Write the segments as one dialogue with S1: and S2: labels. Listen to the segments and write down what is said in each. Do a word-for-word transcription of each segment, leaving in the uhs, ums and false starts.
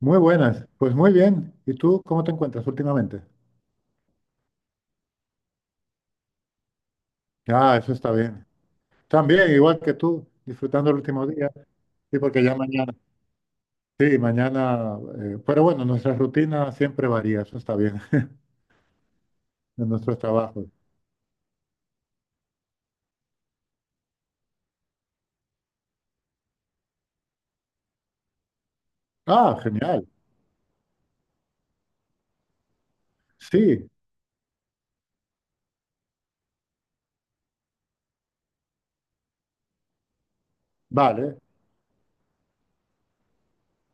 S1: Muy buenas, pues muy bien. ¿Y tú cómo te encuentras últimamente? Ah, eso está bien. También, igual que tú, disfrutando el último día. Sí, porque ya mañana. Sí, mañana. Eh, pero bueno, nuestra rutina siempre varía, eso está bien, en nuestros trabajos. Ah, genial. Sí, vale.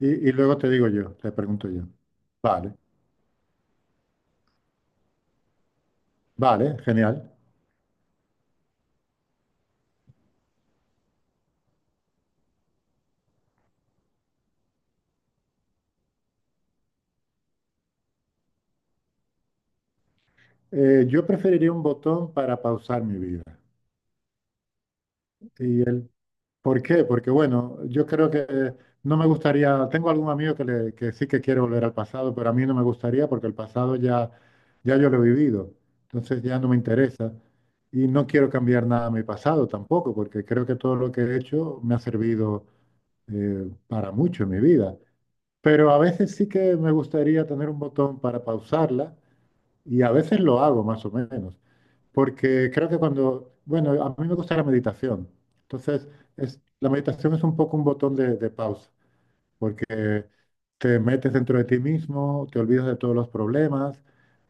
S1: Y, y luego te digo yo, te pregunto yo. Vale, vale, genial. Eh, yo preferiría un botón para pausar mi vida. Y el ¿Por qué? Porque bueno, yo creo que no me gustaría, tengo algún amigo que, le- que sí que quiere volver al pasado, pero a mí no me gustaría porque el pasado ya, ya yo lo he vivido, entonces ya no me interesa y no quiero cambiar nada a mi pasado tampoco, porque creo que todo lo que he hecho me ha servido eh, para mucho en mi vida. Pero a veces sí que me gustaría tener un botón para pausarla y a veces lo hago más o menos. Porque creo que cuando, bueno, a mí me gusta la meditación. Entonces, es, la meditación es un poco un botón de, de pausa, porque te metes dentro de ti mismo, te olvidas de todos los problemas,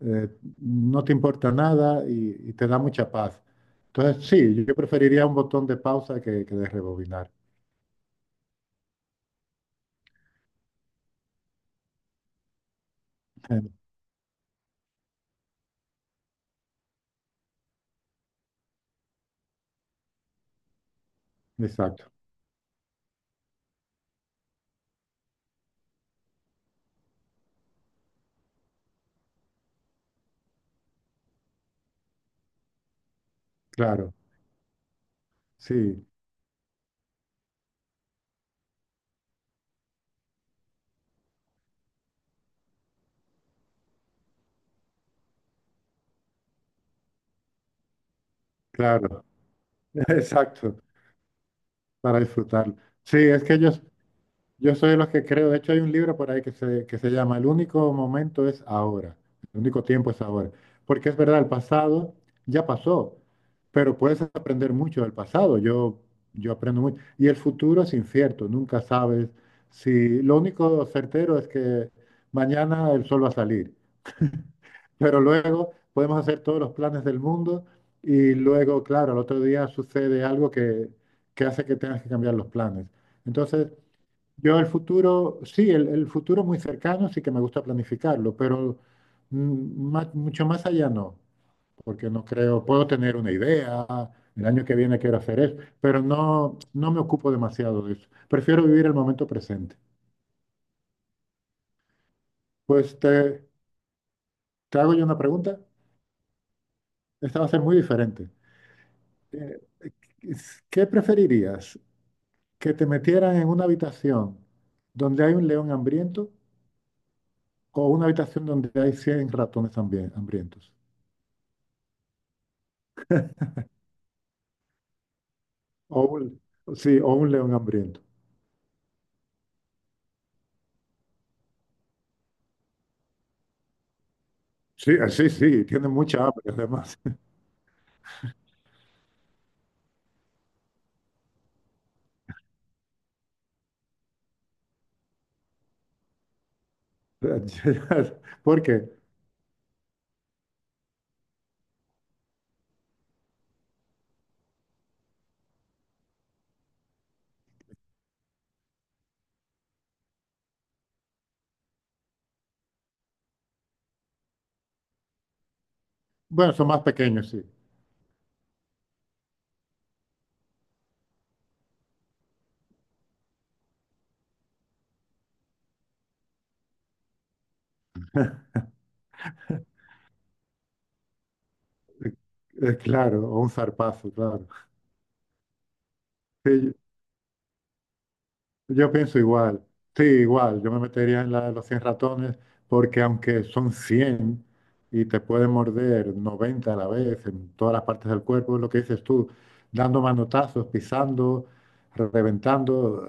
S1: eh, no te importa nada y, y te da mucha paz. Entonces, sí, yo preferiría un botón de pausa que, que de rebobinar. Exacto, claro, sí, claro, exacto, para disfrutar. Sí, es que ellos yo soy de los que creo, de hecho hay un libro por ahí que se, que se llama El único momento es ahora, el único tiempo es ahora. Porque es verdad, el pasado ya pasó, pero puedes aprender mucho del pasado, yo, yo aprendo mucho. Y el futuro es incierto, nunca sabes si... Lo único certero es que mañana el sol va a salir, pero luego podemos hacer todos los planes del mundo y luego, claro, al otro día sucede algo que, que hace que tengas que cambiar los planes. Entonces... Yo el futuro, sí, el, el futuro muy cercano sí que me gusta planificarlo, pero mm, ma- mucho más allá no, porque no creo, puedo tener una idea, el año que viene quiero hacer eso, pero no, no me ocupo demasiado de eso. Prefiero vivir el momento presente. Pues te, te hago yo una pregunta, esta va a ser muy diferente. Eh, ¿Qué preferirías? ¿Que te metieran en una habitación donde hay un león hambriento o una habitación donde hay cien ratones hambri- hambrientos? O un, sí, o un león hambriento. Sí, sí, sí, tienen mucha hambre además. Porque, bueno, son más pequeños, sí. Eh, Claro, o un zarpazo, claro. Sí, yo pienso igual, sí, igual, yo me metería en la de los cien ratones porque aunque son cien y te pueden morder noventa a la vez en todas las partes del cuerpo, lo que dices tú, dando manotazos, pisando, reventando,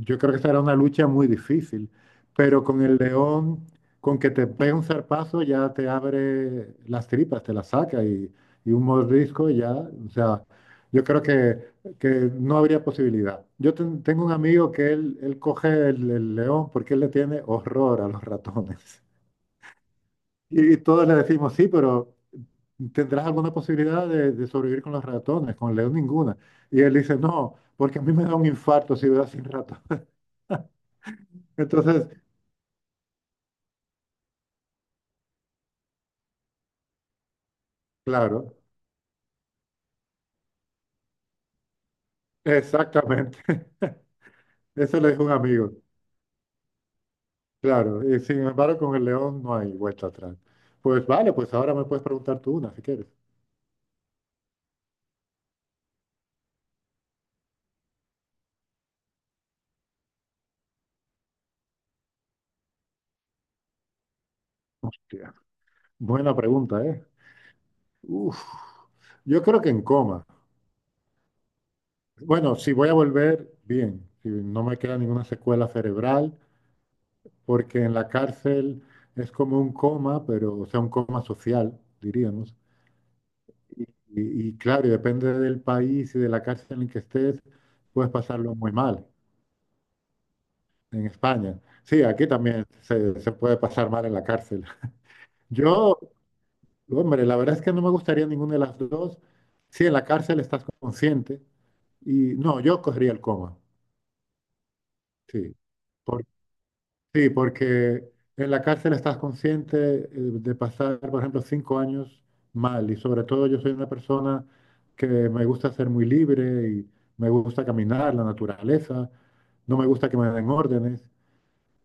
S1: yo creo que será una lucha muy difícil, pero con el león, con que te pegue un zarpazo ya te abre las tripas, te las saca y, y un mordisco ya, o sea, yo creo que que no habría posibilidad. Yo ten- tengo un amigo que él, él coge el, el león porque él le tiene horror a los ratones. Y, y todos le decimos, sí, pero ¿tendrás alguna posibilidad de, de sobrevivir con los ratones? Con el león ninguna. Y él dice, no, porque a mí me da un infarto si veo sin ratones. Entonces, claro, exactamente. Eso le dijo un amigo. Claro, y sin embargo con el león no hay vuelta atrás. Pues vale, pues ahora me puedes preguntar tú una si quieres. Hostia, buena pregunta, ¿eh? Uf. Yo creo que en coma. Bueno, si voy a volver, bien, si no me queda ninguna secuela cerebral, porque en la cárcel es como un coma, pero, o sea, un coma social, diríamos. Y, y- claro, y depende del país y de la cárcel en que estés, puedes pasarlo muy mal en España. Sí, aquí también se, se puede pasar mal en la cárcel. Yo, hombre, la verdad es que no me gustaría ninguna de las dos. Sí, en la cárcel estás consciente y no, yo cogería el coma, sí. Sí, porque en la cárcel estás consciente eh, de pasar, por ejemplo, cinco años mal. Y sobre todo yo soy una persona que me gusta ser muy libre y me gusta caminar, la naturaleza, no me gusta que me den órdenes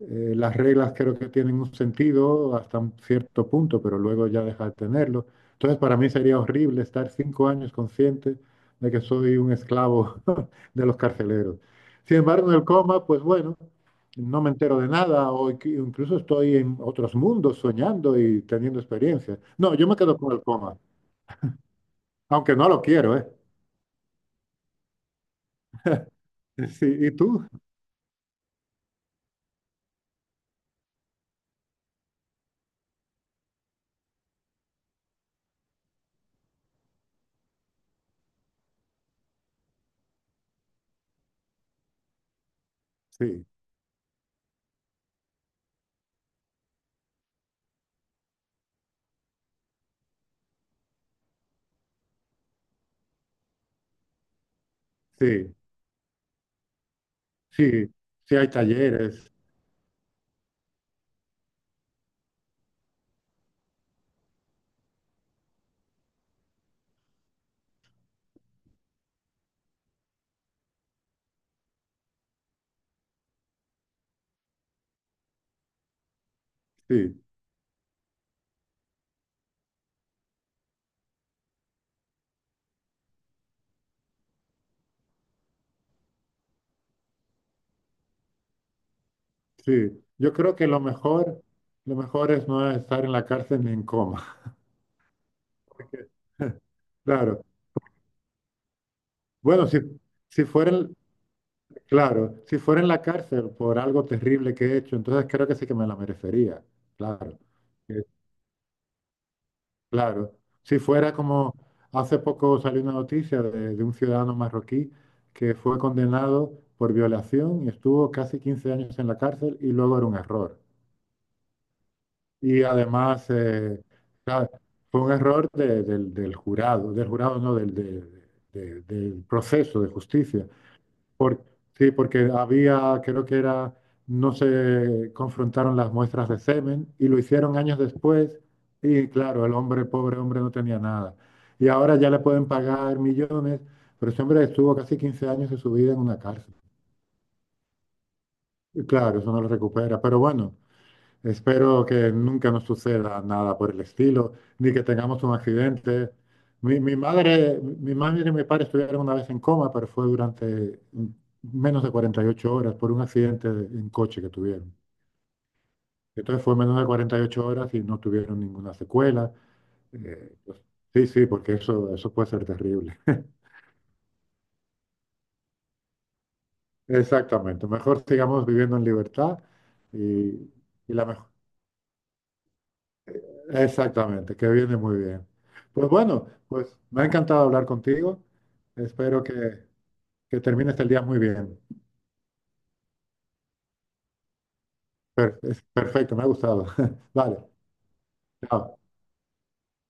S1: eh, las reglas creo que tienen un sentido hasta un cierto punto, pero luego ya deja de tenerlo. Entonces, para mí sería horrible estar cinco años consciente de que soy un esclavo de los carceleros. Sin embargo, en el coma, pues bueno, no me entero de nada o inc- incluso estoy en otros mundos soñando y teniendo experiencias. No, yo me quedo con el coma, aunque no lo quiero, ¿eh? Sí, ¿y tú? Sí, sí, sí, sí hay talleres, sí. Sí, yo creo que lo mejor, lo mejor es no estar en la cárcel ni en coma. Claro. Bueno, si, si fuera, en- claro, si fuera en la cárcel por algo terrible que he hecho, entonces creo que sí que me la merecería. Claro. Eh, Claro. Si fuera como hace poco salió una noticia de, de un ciudadano marroquí que fue condenado por violación y estuvo casi quince años en la cárcel y luego era un error. Y además, eh, o fue un error de- del, del jurado, del, jurado no, del, de- de- del proceso de justicia. Por, sí, porque había, creo que era, no se confrontaron las muestras de semen y lo hicieron años después y claro, el hombre, pobre hombre, no tenía nada. Y ahora ya le pueden pagar millones, pero ese hombre estuvo casi quince años de su vida en una cárcel. Y claro, eso no lo recupera, pero bueno. Espero que nunca nos suceda nada por el estilo, ni que tengamos un accidente. Mi, mi madre, mi madre y mi padre estuvieron una vez en coma, pero fue durante menos de cuarenta y ocho horas por un accidente en coche que tuvieron. Entonces fue menos de cuarenta y ocho horas y no tuvieron ninguna secuela. Eh, pues, sí, sí, porque eso, eso puede ser terrible. Exactamente. Mejor sigamos viviendo en libertad y, y la mejor. Exactamente, que viene muy bien. Pues bueno, pues me ha encantado hablar contigo. Espero que, que termines el día muy bien. Per- es perfecto, me ha gustado. Vale, chao.